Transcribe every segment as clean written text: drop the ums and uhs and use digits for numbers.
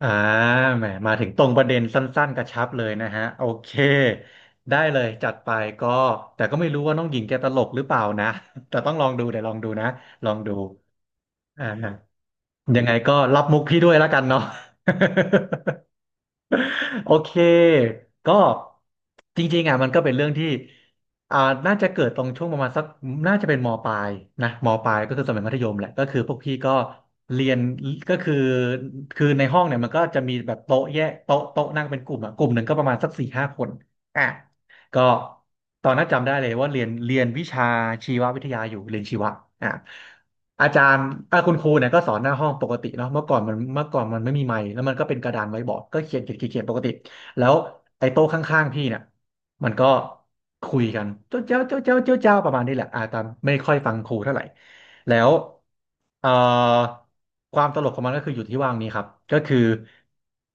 อ่าแหมมาถึงตรงประเด็นสั้นๆกระชับเลยนะฮะโอเคได้เลยจัดไปก็แต่ก็ไม่รู้ว่าน้องหญิงแกตลกหรือเปล่านะ แต่ต้องลองดูเดี๋ยวลองดูนะลองดูอ่ายังไงก็รับมุกพี่ด้วยแล้วกันเนาะ โอเค ก็จริงๆอ่ะมันก็เป็นเรื่องที่อ่าน่าจะเกิดตรงช่วงประมาณสักน่าจะเป็นมปลายนะมปลายก็คือสมัยมัธยมแหละก็คือพวกพี่ก็เรียนก็คือคือในห้องเนี่ยมันก็จะมีแบบโต๊ะแยกโต๊ะโต๊ะนั่งเป็นกลุ่มอ่ะกลุ่มหนึ่งก็ประมาณสักสี่ห้าคนอ่ะ ก็ตอนนั้นจำได้เลยว่าเรียนวิชาชีววิทยาอยู่เรียนชีวะอ่ะอาจารย์อ่ะคุณครูเนี่ยก็สอนหน้าห้องปกติเนาะเมื่อก่อนมันไม่มีไมค์แล้วมันก็เป็นกระดานไว้บอร์ดก็เขียนปกติแล้วไอ้โต๊ะข้างๆพี่เนี่ยมันก็คุยกันเจ้าเจ้าเจ้าเจ้าเจ้าเจ้าประมาณนี้แหละอ่ะตามไม่ค่อยฟังครูเท่าไหร่ แล้วเอ่อความตลกของมันก็คืออยู่ที่ว่างนี้ครับก็คือ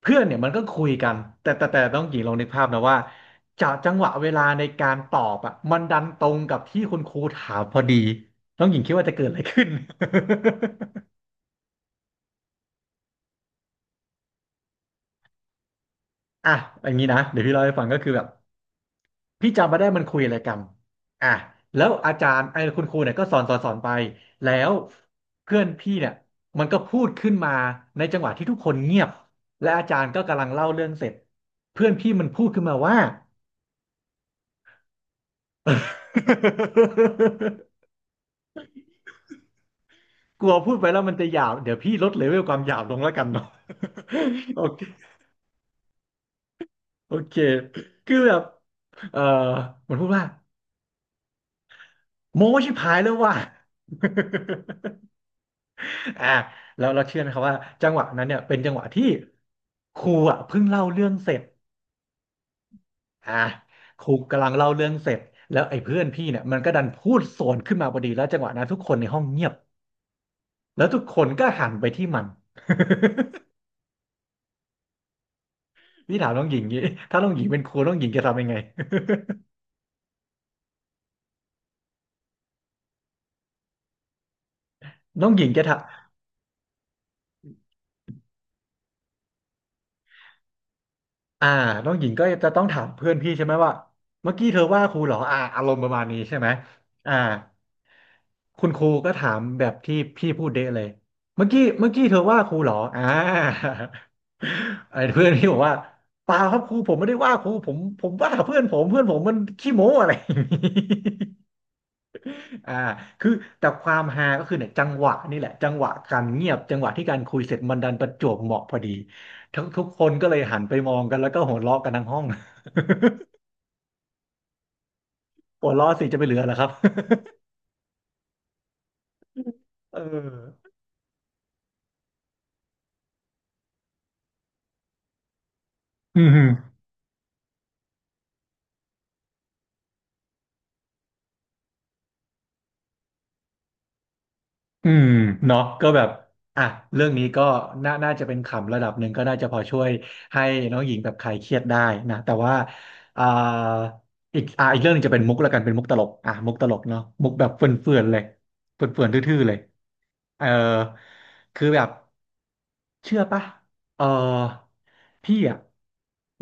เพื่อนเนี่ยมันก็คุยกันแต่ต้องหญิงลองนึกภาพนะว่าจากจังหวะเวลาในการตอบอ่ะมันดันตรงกับที่คุณครูถามพอดีต้องหญิงคิดว่าจะเกิดอะไรขึ้น อ่ะอย่างนี้นะเดี๋ยวพี่เล่าให้ฟังก็คือแบบ พี่จำไม่ได้มันคุยอะไรกันอ่ะแล้วอาจารย์ไอ้คุณครูเนี่ยก็สอนไป แล้วเพื่อนพี่เนี่ยมันก็พูดขึ้นมาในจังหวะที่ทุกคนเงียบและอาจารย์ก็กำลังเล่าเรื่องเสร็จเพื่อนพี่มันพูดขึ้นมาว่า กลัวพูดไปแล้วมันจะหยาบเดี๋ยวพี่ลดเลเวลความหยาบลงแล้วกันเนาะ โอเคโอเคคือแบบเออมันพูดว่าโม้ชิบหายแล้วว่ะ อ่าแล้วเราเชื่อไหมครับว่าจังหวะนั้นเนี่ยเป็นจังหวะที่ครูอ่ะเพิ่งเล่าเรื่องเสร็จอ่าครูกำลังเล่าเรื่องเสร็จแล้วไอ้เพื่อนพี่เนี่ยมันก็ดันพูดสวนขึ้นมาพอดีแล้วจังหวะนั้นทุกคนในห้องเงียบแล้วทุกคนก็หันไปที่มัน พี่ถามน้องหญิงงี้ถ้าน้องหญิงเป็นครูน้องหญิงจะทำยังไง น้องหญิงจะทำ อ่าน้องหญิงก็จะต้องถามเพื่อนพี่ใช่ไหมว่าเมื่อกี้เธอว่าครูเหรออ่าอารมณ์ประมาณนี้ใช่ไหมอ่าคุณครูก็ถามแบบที่พี่พูดเดะเลยเมื่อกี้เธอว่าครูเหรออ่า ไอ้เพื่อนพี่บอกว่าเปล่าครับครูผมไม่ได้ว่าครูผมผมว่าเพื่อนผมมันขี้โม้ อะไรอย่างนี้ อ่าคือแต่ความฮาก็คือเนี่ยจังหวะนี่แหละจังหวะการเงียบจังหวะที่การคุยเสร็จมันดันประจวบเหมาะพอดีทุกคนก็เลยหันไปมองกันแล้วก็หัวเราะกันทั้งห้อง หัวเราะสิจะไปเหลือเหรอครับ เอออืม อืมเนาะก็แบบอ่ะเรื่องนี้ก็น่าจะเป็นขำระดับหนึ่งก็น่าจะพอช่วยให้น้องหญิงแบบคลายเครียดได้นะแต่ว่าอ่าอีกเรื่องหนึงจะเป็นมุกละกันเป็นมุกตลกอ่ะมุกตลกเนาะมุกแบบเฟื่อนๆเลยเฟื่อนๆทื่อๆเลยเออคือแบบ เชื่อปะเออพี่อ่ะ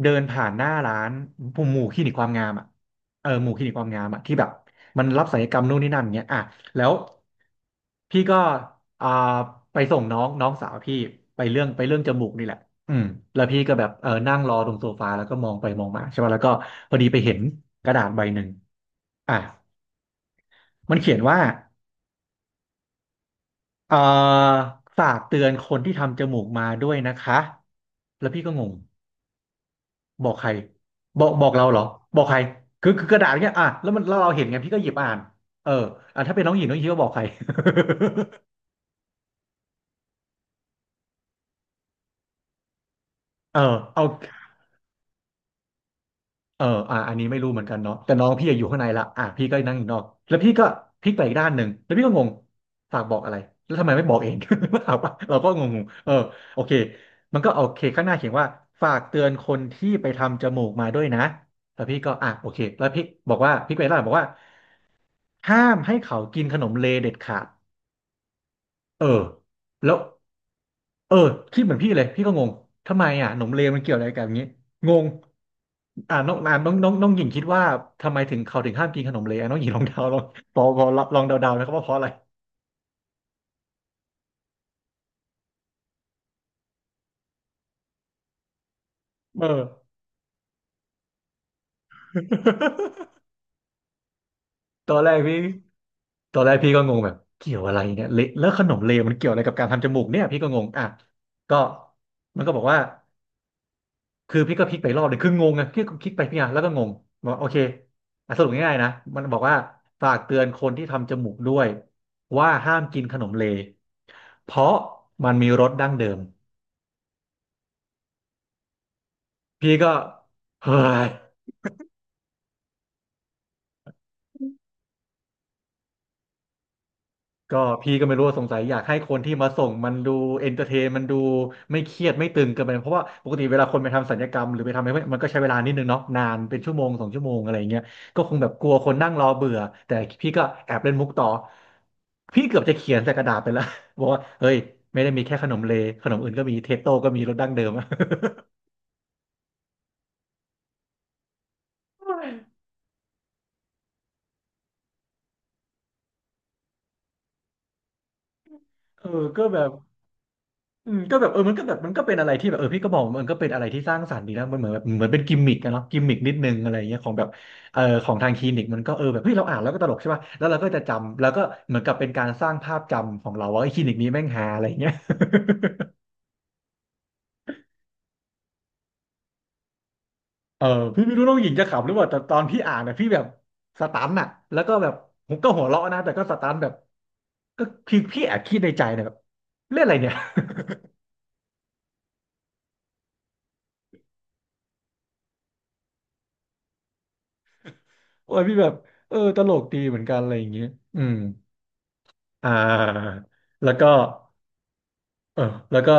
เดินผ่านหน้าร้านผมหมู่คลินิกความงามอ่ะเออหมู่คลินิกความงามอ่ะที่แบบมันรับศัลยกรรมนู่นนี่นั่นเงี้ยอ่ะแล้วพี่ก็อ่าไปส่งน้องน้องสาวพี่ไปเรื่องจมูกนี่แหละอืมแล้วพี่ก็แบบเออนั่งรอตรงโซฟาแล้วก็มองไปมองมาใช่ป่ะแล้วก็พอดีไปเห็นกระดาษใบหนึ่งอ่ะมันเขียนว่าเอ่อฝากเตือนคนที่ทำจมูกมาด้วยนะคะแล้วพี่ก็งง บอกใครบอกเราเหรอบอกใครคือกระดาษเนี้ยอ่ะแล้วมันแล้วเราเห็นไงพี่ก็หยิบนเอออ่ะถ้าเป็นน้องหญิงน้องหญิงก็บอกใคร เออเอาเอออ่ะอันนี้ไม่รู้เหมือนกันเนาะแต่น้องพี่อะอยู่ข้างในละอ่ะพี่ก็นั่งอยู่นอกแล้วพี่ก็พลิกไปอีกด้านหนึ่งแล้วพี่ก็งงฝากบอกอะไรแล้วทำไมไม่บอกเอง ถามว่าเราก็งงๆโอเคมันก็โอเคข้างหน้าเขียนว่าฝากเตือนคนที่ไปทำจมูกมาด้วยนะแล้วพี่ก็อ่ะโอเคแล้วพี่บอกว่าพี่ไปร้านบอกว่าห้ามให้เขากินขนมเลเด็ดขาด เออแล้วเออคิดเหมือนพี่เลยพี่ก็งงทำไมอ่ะหนมเลวมันเกี่ยวอะไรกับอย่างนี้งงอ่าน้องอ่าน้องน้องน้องหญิงคิดว่าทำไมถึงเขาถึงห้ามกินขนมเลวน้องหญิงลองเดา ลองพอลองเดาๆนะครับว่าเพราะอะไรเออ ตอนแรกพี่ตอนแรกพี่ก็งงแบบเกี่ยวอะไรเนี่ยเละแล้วขนมเลวมันเกี่ยวอะไรกับการทำจมูกเนี่ยพี่ก็งงอ่ะก็มันก็บอกว่า คือพี่ก็พลิกไปรอบเลยคืองงไงพี่ก็คลิกไปพี่อ่ะแล้วก็งงบอกโอเคอ่ะสรุปง่ายๆนะมันบอกว่าฝากเตือนคนที่ทำจมูกด้วยว่าห้ามกินขนมเลเพราะมันมีรสดั้งเดิมพี่ก็เฮ้ย ก็พี่ก็ไม่รู้ว่าสงสัยอยากให้คนที่มาส่งมันดูเอนเตอร์เทนมันดูไม่เครียดไม่ตึงเกินไปเพราะว่าปกติเวลาคนไปทำศัลยกรรมหรือไปทำอะไรพวกนี้มันก็ใช้เวลานิดนึงเนาะนานเป็นชั่วโมงสองชั่วโมงอะไรอย่างเงี้ยก็คงแบบกลัวคนนั่งรอเบื่อแต่พี่ก็แอบเล่นมุกต่อพี่เกือบจะเขียนใส่กระดาษไปแล้ว บอกว่าเฮ้ยไม่ได้มีแค่ขนมเลขนมอื่นก็มีเทสโต้ก็มีรสดั้งเดิมอะ เออก็แบบ อืมก็แบบเออมันก็แบบมันก็เป็นอะไรที่แบบเออพี่ก็บอกว่ามันก็เป็นอะไรที่สร้างสรรค์ดีนะมันเหมือนแบบเหมือนเป็นกิมมิกอะเนาะกิมมิกนิดนึงอะไรเงี้ยของแบบเออของทางคลินิกมันก็เออแบบเฮ้ยเราอ่านแล้วก็ตลกใช่ป่ะแล้วเราก็จะจำแล้วก็เหมือนกับเป็นการสร้างภาพจำของเราว่าไอ้คลินิกนี้แม่งฮาอะไรเงี้ย เออพี่ไม่รู้น้องหญิงจะขำหรือเปล่าแต่ตอนพี่อ่านนะพี่แบบสตันอะแล้วก็แบบผมก็หัวเราะนะแต่ก็สตันแบบก็คือพี่แอบคิดในใจนะแบบเล่นอะไรเนี่ย โอ้ยพี่แบบเออตลกดีเหมือนกันอะไรอย่างเงี้ยอืม อ่าแล้วก็เออแล้วก็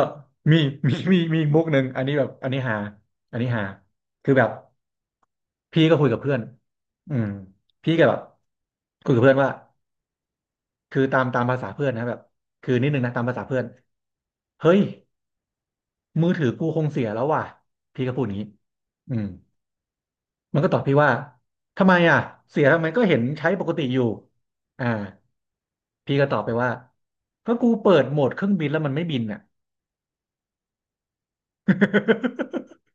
มี มีอีกมุกหนึ่งอันนี้แบบอันนี้หาคือแบบพี่ก็คุยกับเพื่อนอืมพี่ก็แบบคุยกับเพื่อนว่าคือตามภาษาเพื่อนนะแบบคือนิดนึงนะตามภาษาเพื่อนเฮ้ยมือถือกูคงเสียแล้วว่ะพี่ก็พูดอย่างนี้อืมมันก็ตอบพี่ว่าทำไมอ่ะเสียทำไมก็เห็นใช้ปกติอยู่อ่าพี่ก็ตอบไปว่าก็กูเปิดโหมดเครื่องบินแล้วมันไม่บินอ่ะ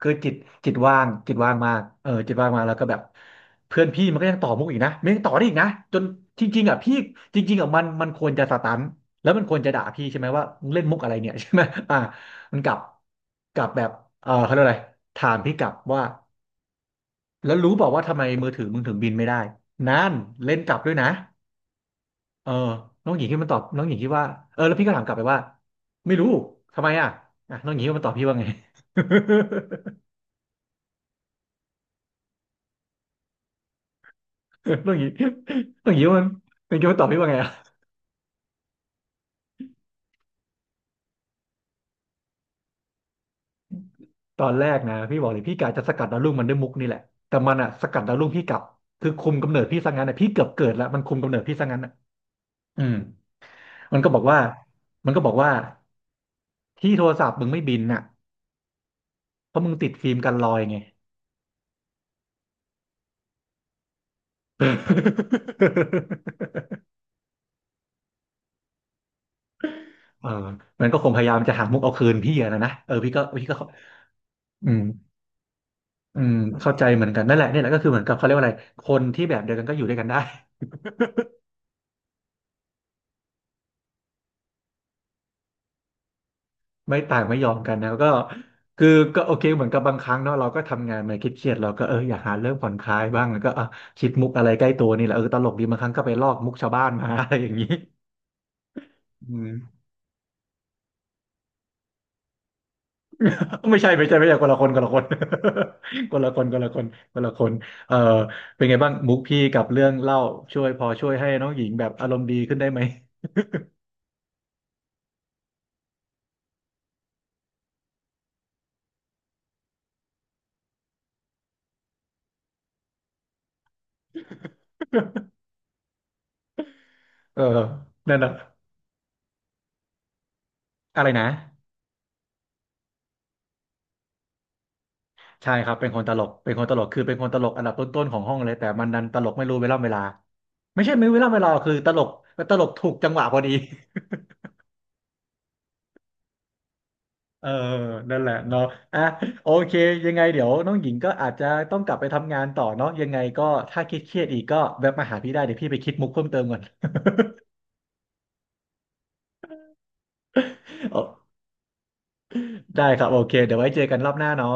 คือจิตจิตว่างมากเออจิตว่างมากแล้วก็แบบเพื่อนพี่มันก็ยังต่อมุกอีกนะมันยังต่อได้อีกนะจนจริงๆอ่ะพี่จริงๆอ่ะมันควรจะสตันแล้วมันควรจะด่าพี่ใช่ไหมว่ามึงเล่นมุกอะไรเนี่ย ใช่ไหมอ่ามันกลับกลับแบบเออเขาเรียกอะไรถามพี่กลับว่าแล้วรู้เปล่าว่าทำไมมือถือมึงถึงบินไม่ได้นั่นเล่นกลับด้วยนะเออน้องหญิงที่ว่าเออแล้วพี่ก็ถามกลับไปว่าไม่รู้ทำไมอ่ะอ่ะน้องหญิงที่มันตอบพี่ว่าไง ต้องอย่างนี้ต้องอย่างนี้มันเป็นคำตอบพี่ว่าไงอะตอนแรกนะพี่บอกเลยพี่กะจะสกัดดาวรุ่งมันด้วยมุกนี่แหละแต่มันอะสกัดดาวรุ่งพี่กลับคือคุมกำเนิดพี่ซะงั้นอะพี่เกือบเกิดแล้วมันคุมกำเนิดพี่ซะงั้นอะอืมมันก็บอกว่ามันก็บอกว่าที่โทรศัพท์มึงไม่บินน่ะเพราะมึงติดฟิล์มกันรอยไง เออมันก็คงพยายามจะหามุกเอาคืนพี่อะนะนะเออพี่ก็เข้าอืมอืมเข้าใจเหมือนกันนั่นแหละนี่แหละก็คือเหมือนกับเขาเรียกว่าอะไรคนที่แบบเดียวกันก็อยู่ด้วยกันได้ ไม่ต่างไม่ยอมกันนะก็คือก็โอเคเหมือนกับบางครั้งเนาะเราก็ทำงานมาเครียดๆเราก็เอออยากหาเรื่องผ่อนคลายบ้างแล้วก็อ่ะคิดมุกอะไรใกล้ตัวนี่แหละเออตลกดีบางครั้งก็ไปลอกมุกชาวบ้านมา อะไรอย่างนี้อืม ไม่ใช่ไม่ใช่คนละคนคนละคน คนละคนคนละคนคนละคนเออเป็นไงบ้างมุกพี่กับเรื่องเล่าช่วยช่วยให้น้องหญิงแบบอารมณ์ดีขึ้นได้ไหม เออนั่นนะอะไรนะ ใช่ครับเป็นคนตลกคือเป็นคนตลกอันดับต้นๆของห้องเลยแต่มันดันตลกไม่รู้เวลาไม่รู้เวลาคือตลกถูกจังหวะพอดี เออนั่นแหละเนาะอ่ะโอเคยังไงเดี๋ยวน้องหญิงก็อาจจะต้องกลับไปทำงานต่อเนาะยังไงก็ถ้าคิดเครียดอีกก็แวะมาหาพี่ได้เดี๋ยวพี่ไปคิดมุกเพิ่มเติมก่อน โอ้ได้ครับโอเคเดี๋ยวไว้เจอกันรอบหน้าเนาะ